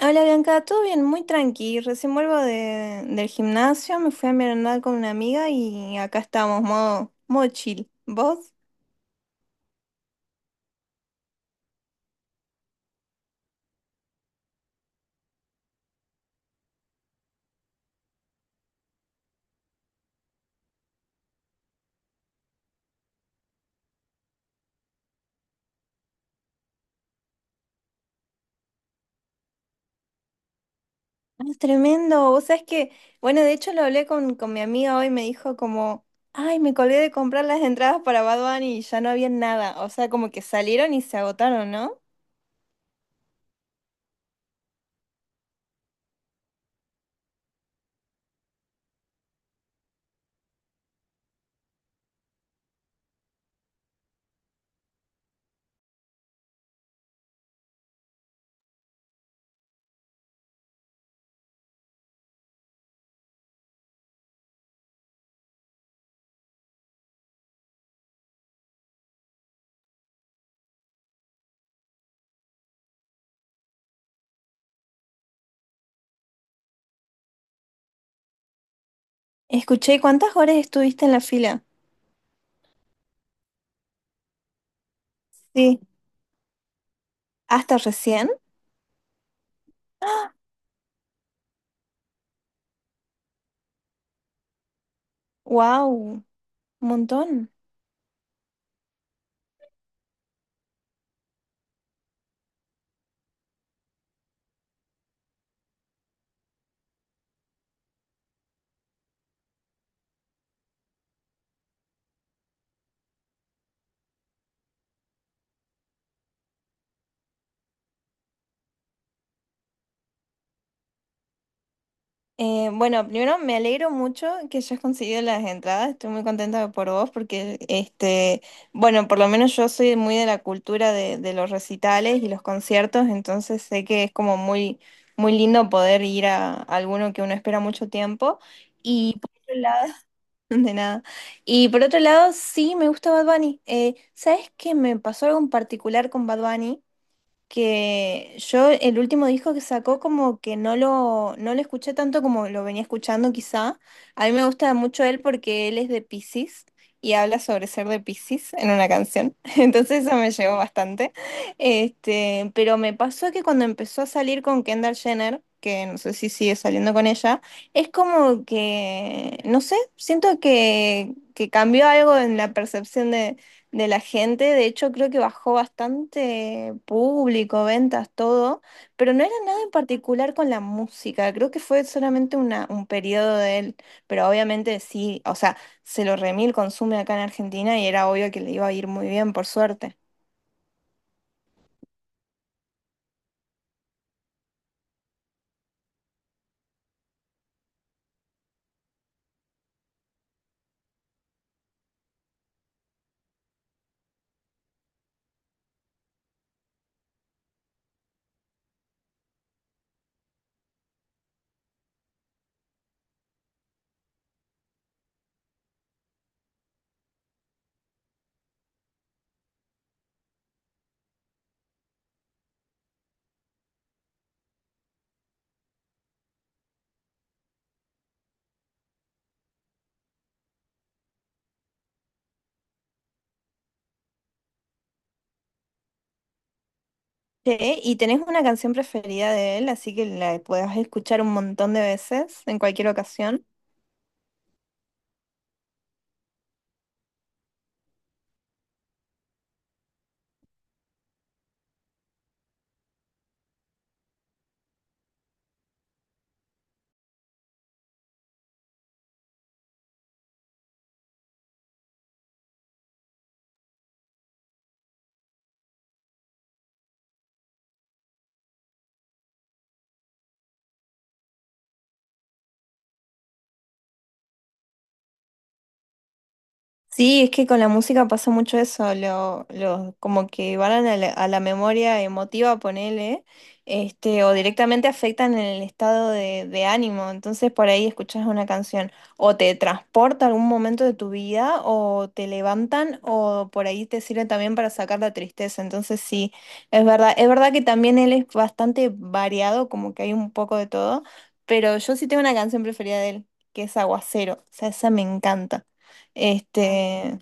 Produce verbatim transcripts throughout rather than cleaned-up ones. Hola Bianca, todo bien, muy tranqui. Recién vuelvo de- del gimnasio, me fui a merendar con una amiga y acá estamos, modo, modo chill. ¿Vos? Ah, es tremendo. Vos sabés que, bueno, de hecho lo hablé con, con mi amiga hoy, me dijo como, ay, me colgué de comprar las entradas para Bad Bunny y ya no había nada. O sea, como que salieron y se agotaron, ¿no? Escuché, ¿cuántas horas estuviste en la fila? Sí. ¿Hasta recién? ¡Wow! Un montón. Eh, bueno, primero me alegro mucho que hayas conseguido las entradas. Estoy muy contenta por vos porque, este, bueno, por lo menos yo soy muy de la cultura de, de los recitales y los conciertos, entonces sé que es como muy, muy lindo poder ir a, alguno que uno espera mucho tiempo. Y por otro lado, de nada. Y por otro lado, sí me gusta Bad Bunny. Eh, ¿sabes qué me pasó algo en particular con Bad Bunny? Que yo el último disco que sacó como que no lo, no lo escuché tanto como lo venía escuchando quizá. A mí me gusta mucho él porque él es de Piscis y habla sobre ser de Piscis en una canción. Entonces eso me llegó bastante. Este, pero me pasó que cuando empezó a salir con Kendall Jenner, que no sé si sigue saliendo con ella, es como que, no sé, siento que, que cambió algo en la percepción de de la gente. De hecho, creo que bajó bastante público, ventas, todo, pero no era nada en particular con la música. Creo que fue solamente una, un periodo de él, pero obviamente sí, o sea, se lo remil consume acá en Argentina y era obvio que le iba a ir muy bien, por suerte. Che, ¿y tenés una canción preferida de él, así que la podés escuchar un montón de veces, en cualquier ocasión? Sí, es que con la música pasa mucho eso, lo, lo- como que van a la, a la memoria emotiva, ponele, este, o directamente afectan en el estado de, de ánimo. Entonces por ahí escuchas una canción, o te transporta a algún momento de tu vida, o te levantan, o por ahí te sirve también para sacar la tristeza. Entonces sí, es verdad, es verdad que también él es bastante variado, como que hay un poco de todo, pero yo sí tengo una canción preferida de él, que es Aguacero. O sea, esa me encanta. Este,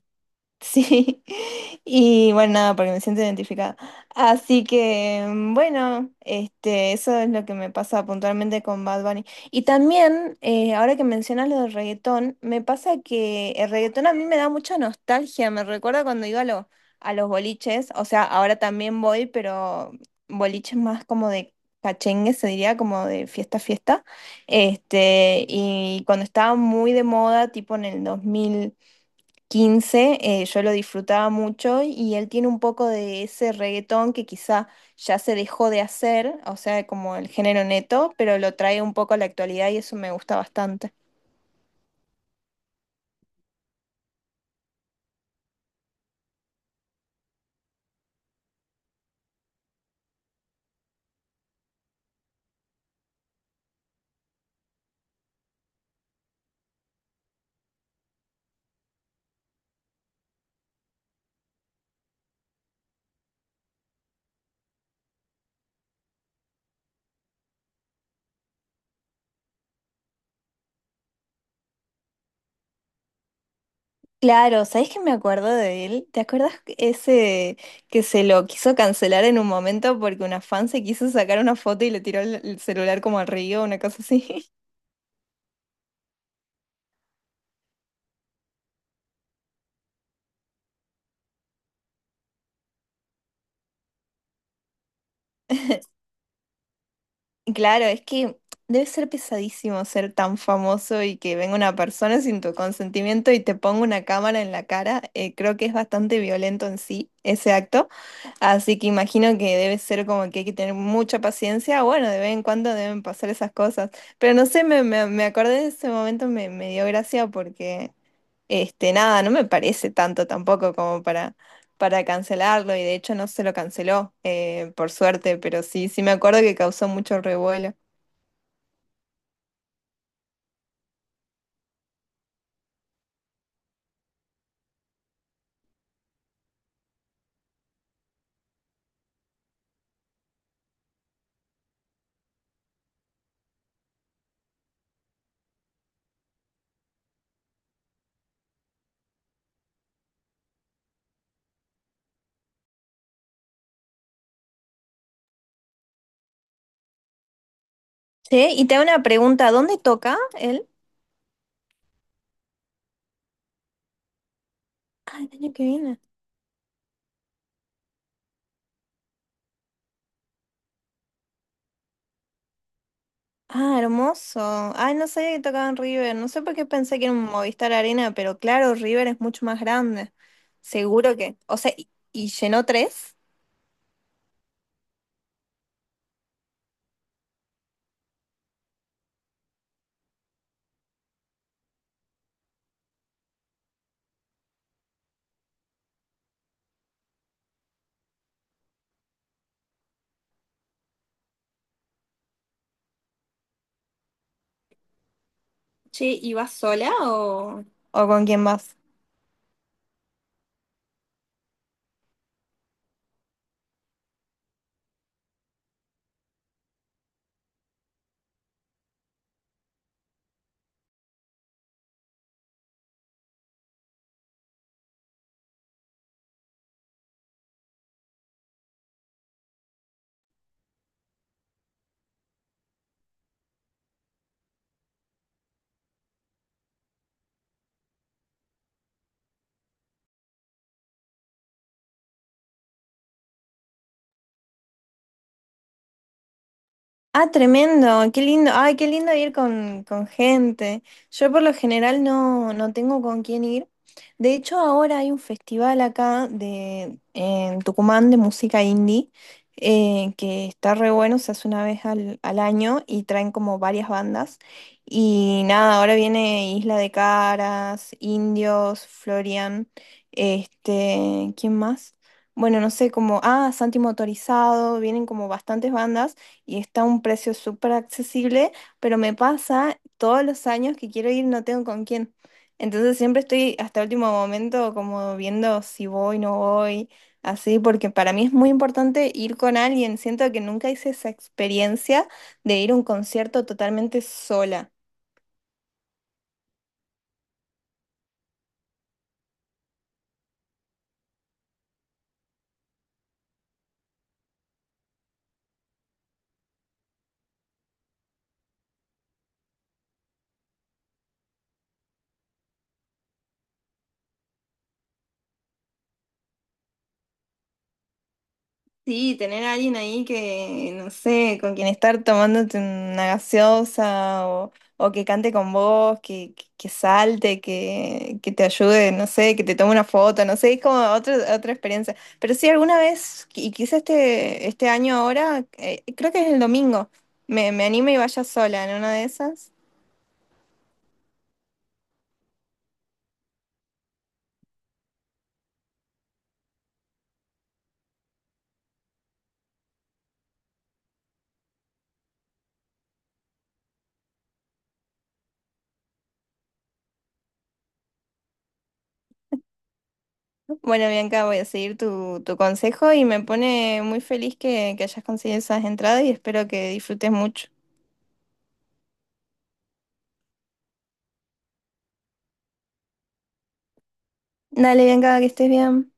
sí, y bueno, nada, porque me siento identificada. Así que, mm, bueno, este, eso es lo que me pasa puntualmente con Bad Bunny. Y también, eh, ahora que mencionas lo del reggaetón, me pasa que el reggaetón a mí me da mucha nostalgia, me recuerda cuando iba a, lo- a los boliches, o sea, ahora también voy, pero boliches más como de cachengue, se diría, como de fiesta, fiesta. Este, y cuando estaba muy de moda, tipo en el dos mil quince eh, yo lo disfrutaba mucho y él tiene un poco de ese reggaetón que quizá ya se dejó de hacer, o sea, como el género neto, pero lo trae un poco a la actualidad y eso me gusta bastante. Claro, ¿sabés que me acuerdo de él? ¿Te acuerdas ese que se lo quiso cancelar en un momento porque una fan se quiso sacar una foto y le tiró el el celular como al río, una cosa así? Claro, es que debe ser pesadísimo ser tan famoso y que venga una persona sin tu consentimiento y te ponga una cámara en la cara. Eh, creo que es bastante violento en sí ese acto. Así que imagino que debe ser como que hay que tener mucha paciencia. Bueno, de vez en cuando deben pasar esas cosas. Pero no sé, me, me, me acordé de ese momento, me, me dio gracia porque este, nada, no me parece tanto tampoco como para, para cancelarlo y de hecho no se lo canceló, eh, por suerte, pero sí, sí me acuerdo que causó mucho revuelo. Sí, y te hago una pregunta, ¿dónde toca él? Ah, el año que viene. Ah, hermoso. Ay, no sabía que tocaba en River, no sé por qué pensé que era un Movistar Arena, pero claro, River es mucho más grande. Seguro que. O sea, ¿y, y llenó tres? Che, ¿y vas sola o...? ¿O con quién vas? Ah, tremendo, qué lindo. Ay, qué lindo ir con, con gente. Yo por lo general no, no tengo con quién ir, de hecho, ahora hay un festival acá de, en Tucumán de música indie eh, que está re bueno, se hace una vez al, al año y traen como varias bandas. Y nada, ahora viene Isla de Caras, Indios, Florian, este, ¿quién más? Bueno, no sé, como, ah, Santi Motorizado, vienen como bastantes bandas y está a un precio súper accesible, pero me pasa todos los años que quiero ir, no tengo con quién. Entonces siempre estoy hasta último momento como viendo si voy, no voy, así, porque para mí es muy importante ir con alguien. Siento que nunca hice esa experiencia de ir a un concierto totalmente sola. Sí, tener a alguien ahí que, no sé, con quien estar tomándote una gaseosa o, o que cante con vos, que, que, que salte, que, que te ayude, no sé, que te tome una foto, no sé, es como otra, otra experiencia. Pero sí, alguna vez, y quizá este, este año ahora, eh, creo que es el domingo, me, me anime y vaya sola en una de esas. Bueno, Bianca, voy a seguir tu, tu consejo y me pone muy feliz que, que hayas conseguido esas entradas y espero que disfrutes mucho. Dale, Bianca, que estés bien.